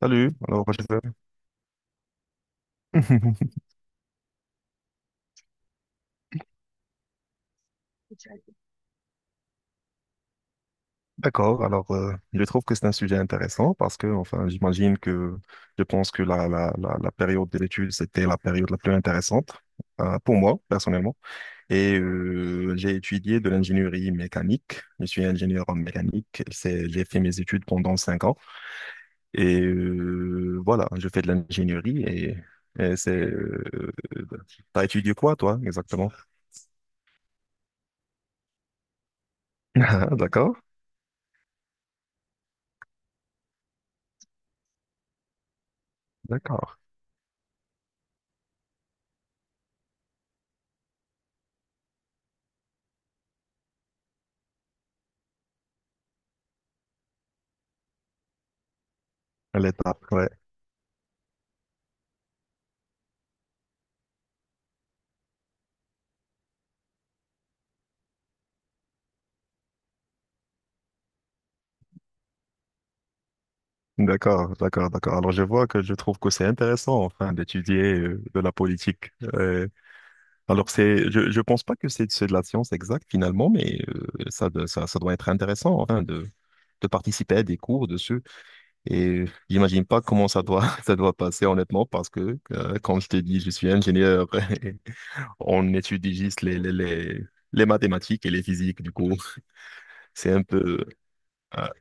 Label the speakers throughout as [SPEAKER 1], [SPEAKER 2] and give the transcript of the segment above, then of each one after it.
[SPEAKER 1] Salut, alors D'accord, alors je trouve que c'est un sujet intéressant parce que, enfin, j'imagine que je pense que la période de l'étude, c'était la période la plus intéressante pour moi, personnellement. Et j'ai étudié de l'ingénierie mécanique. Je suis ingénieur en mécanique. C'est, j'ai fait mes études pendant 5 ans. Et voilà, je fais de l'ingénierie et c'est... T'as étudié quoi, toi, exactement? D'accord, d'accord. À l'étape, ouais. D'accord, d'accord, d'accord. Alors je vois que je trouve que c'est intéressant enfin d'étudier de la politique. Alors c'est, je pense pas que c'est de la science exacte finalement, mais ça de- ça ça doit être intéressant enfin de participer à des cours dessus. Et j'imagine pas comment ça doit ça doit passer honnêtement parce que quand je te dis je suis ingénieur, et on étudie juste les mathématiques et les physiques du coup. C'est un peu ah,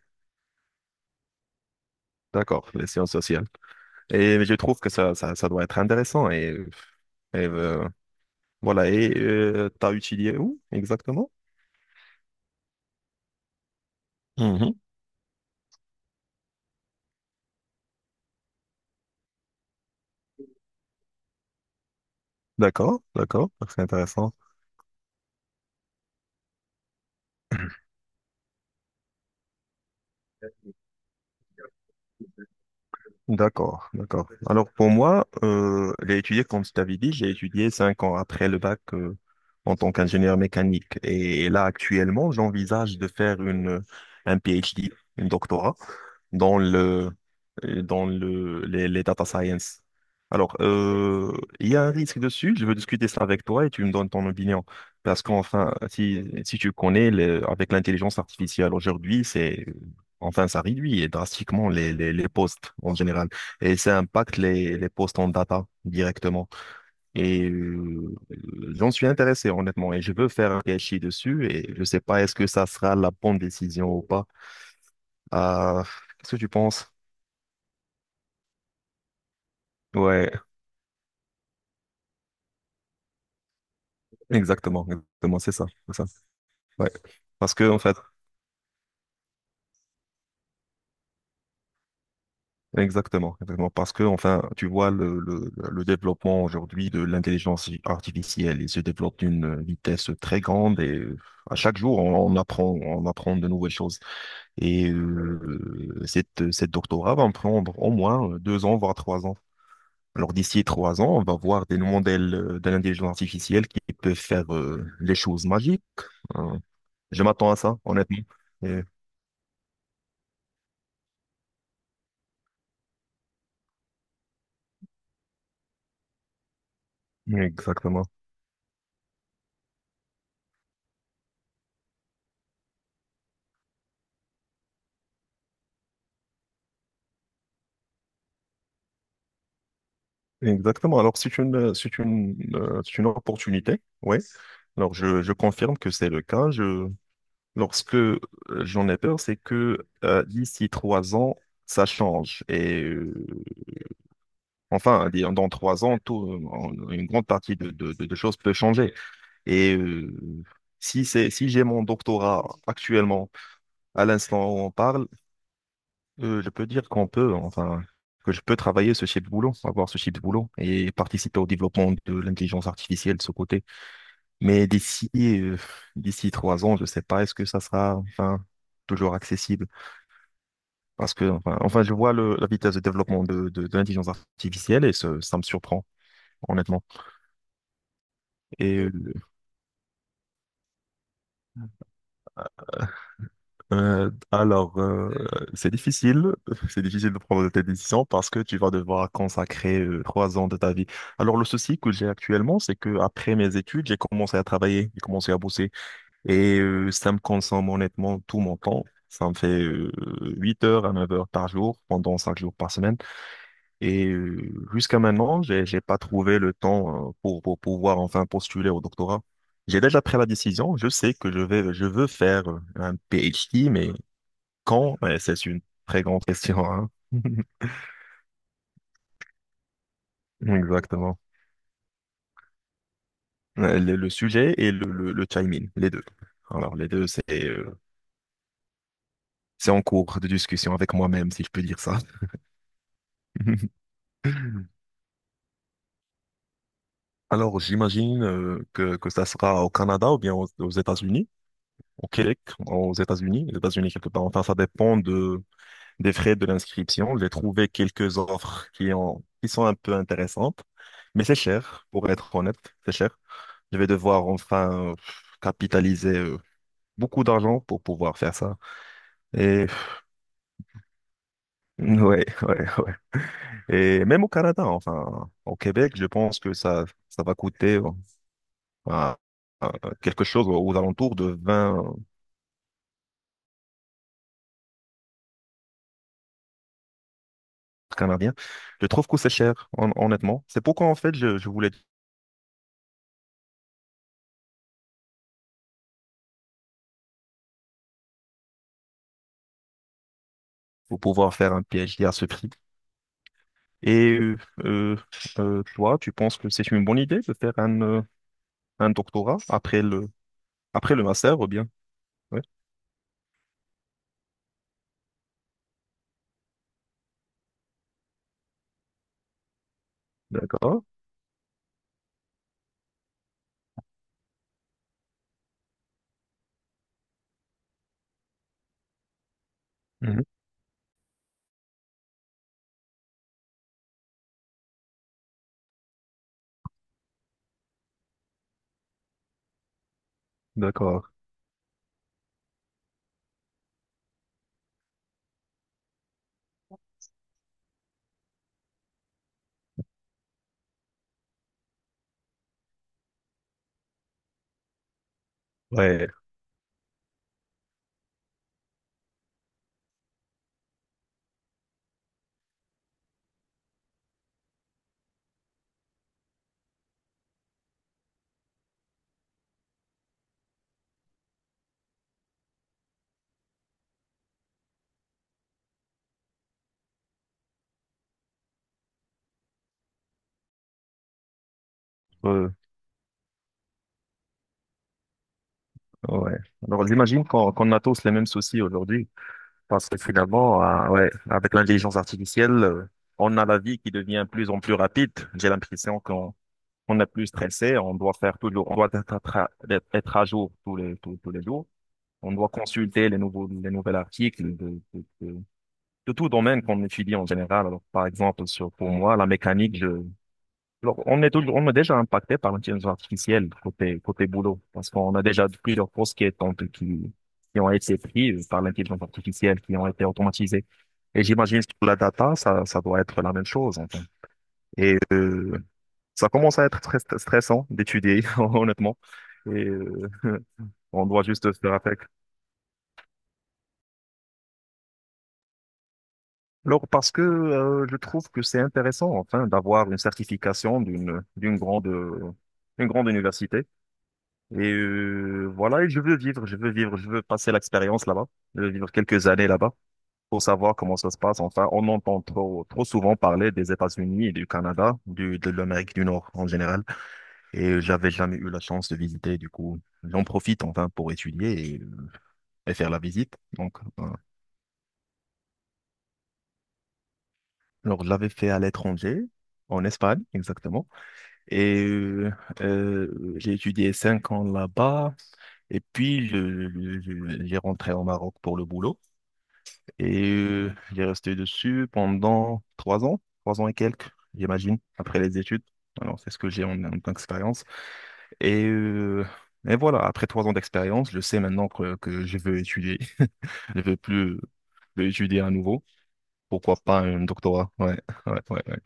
[SPEAKER 1] d'accord, les sciences sociales. Et je trouve que ça doit être intéressant et Et euh, voilà, et t'as utilisé où exactement? Mhm. D'accord, d'accord, c'est intéressant. D'accord, d'accord. Alors pour moi, j'ai étudié, comme je t'avais dit, j'ai étudié 5 ans après le bac en tant qu'ingénieur mécanique. Et là, actuellement, j'envisage de faire une, un PhD, une doctorat, dans le, les data science. Alors, il y a un risque dessus, je veux discuter ça avec toi et tu me donnes ton opinion. Parce qu'enfin, si tu connais, le- avec l'intelligence artificielle aujourd'hui, c'est... Enfin, ça réduit drastiquement les postes en général. Et ça impacte les postes en data directement. Et j'en suis intéressé, honnêtement. Et je veux faire un PhD dessus. Et je sais pas, est-ce que ça sera la bonne décision ou pas. Euh, Qu'est-ce que tu penses? Ouais, exactement. Exactement, c'est ça. C'est ça. Ouais. Parce que, en fait, exactement, exactement. Parce que, enfin, tu vois, le développement aujourd'hui de l'intelligence artificielle, il se développe d'une vitesse très grande et à chaque jour, on apprend, de nouvelles choses. Et cette doctorat va me prendre au moins 2 ans, voire 3 ans. Alors, d'ici 3 ans, on va voir des modèles de l'intelligence artificielle qui peuvent faire les choses magiques. Euh, je m'attends à ça, honnêtement. Et- Exactement. Exactement. Alors, c'est une, c'est une, c'est une opportunité. Oui. Alors, je confirme que c'est le cas. Lorsque j'en ai peur, c'est que d'ici 3 ans, ça change. Et enfin, dire, dans 3 ans, tout, une grande partie de choses peut changer. Et si j'ai mon doctorat actuellement, à l'instant où on parle, je peux dire qu'on peut, enfin, que je peux travailler ce type de boulot, avoir ce type de boulot et participer au développement de l'intelligence artificielle de ce côté. Mais d'ici 3 ans, je sais pas, est-ce que ça sera, enfin, toujours accessible? Parce que, enfin, enfin, je vois le- la vitesse de développement de l'intelligence artificielle et ça me surprend, honnêtement. Et euh, alors, c'est difficile, c'est difficile de prendre tes décisions parce que tu vas devoir consacrer 3 ans de ta vie. Alors, le souci que j'ai actuellement, c'est que après mes études, j'ai commencé à travailler, j'ai commencé à bosser et ça me consomme honnêtement tout mon temps. Ça me fait 8 heures à 9 heures par jour pendant 5 jours par semaine. Et jusqu'à maintenant, j'ai pas trouvé le temps pour, pouvoir enfin postuler au doctorat. J'ai déjà pris la décision. Je sais que je vais, je veux faire un PhD, mais quand? Ouais, c'est une très grande question, hein. Exactement. Le sujet et le chiming, les deux. Alors, les deux, c'est en cours de discussion avec moi-même, si je peux dire ça. Alors, j'imagine que, ça sera au Canada ou bien aux États-Unis, au Québec, aux États-Unis, les États-Unis quelque part. Enfin, ça dépend des frais de l'inscription. J'ai trouvé quelques offres qui ont, qui sont un peu intéressantes, mais c'est cher, pour être honnête, c'est cher. Je vais devoir enfin capitaliser beaucoup d'argent pour pouvoir faire ça. Et ouais, ouais, ouais. Et même au Canada, enfin, au Québec, je pense que ça va coûter à- à quelque chose aux alentours de 20 Canadiens. Je trouve que c'est cher, honnêtement. C'est pourquoi, en fait, je voulais pouvoir faire un PhD à ce prix. Et euh, euh, Toi, tu penses que c'est une bonne idée de faire un doctorat après le master, ou bien? Oui, d'accord. Mhm. D'accord. Ouais, euh, ouais. Alors, j'imagine qu'on a tous les mêmes soucis aujourd'hui, parce que finalement, ouais, avec l'intelligence artificielle, on a la vie qui devient de plus en plus rapide. J'ai l'impression qu'on on est plus stressé, on doit faire tout le, on doit être, être à jour tous les jours. On doit consulter les nouveaux articles de tout domaine qu'on étudie en général. Alors, par exemple, sur pour moi, la mécanique, alors, on est déjà impacté par l'intelligence artificielle côté boulot, parce qu'on a déjà plusieurs postes qui ont été pris par l'intelligence artificielle, qui ont été automatisés. Et j'imagine que pour la data, ça doit être la même chose, en Et euh, ça commence à être très stressant d'étudier, honnêtement. Et euh, on doit juste faire avec. Alors, parce que je trouve que c'est intéressant, enfin, d'avoir une certification d'une grande, une grande université. Et voilà, et je veux vivre, je veux vivre, je veux passer l'expérience là-bas. Je veux vivre quelques années là-bas pour savoir comment ça se passe. Enfin, on entend trop, trop souvent parler des États-Unis et du Canada, de l'Amérique du Nord en général. Et j'avais jamais eu la chance de visiter. Du coup, j'en profite enfin pour étudier et faire la visite. Donc, alors, je l'avais fait à l'étranger, en Espagne exactement. Et euh, j'ai étudié cinq ans là-bas. Et puis, j'ai rentré au Maroc pour le boulot. Et il est resté dessus pendant 3 ans, trois ans et quelques, j'imagine, après les études. Alors, c'est ce que j'ai en tant qu'expérience. Et, euh, et voilà, après 3 ans d'expérience, je sais maintenant que je veux étudier. Je veux plus, plus étudier à nouveau. Pourquoi pas un doctorat? Ouais, ouais, ouais, ouais.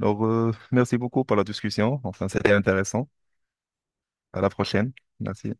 [SPEAKER 1] Alors, merci beaucoup pour la discussion. Enfin, c'était intéressant. À la prochaine. Merci.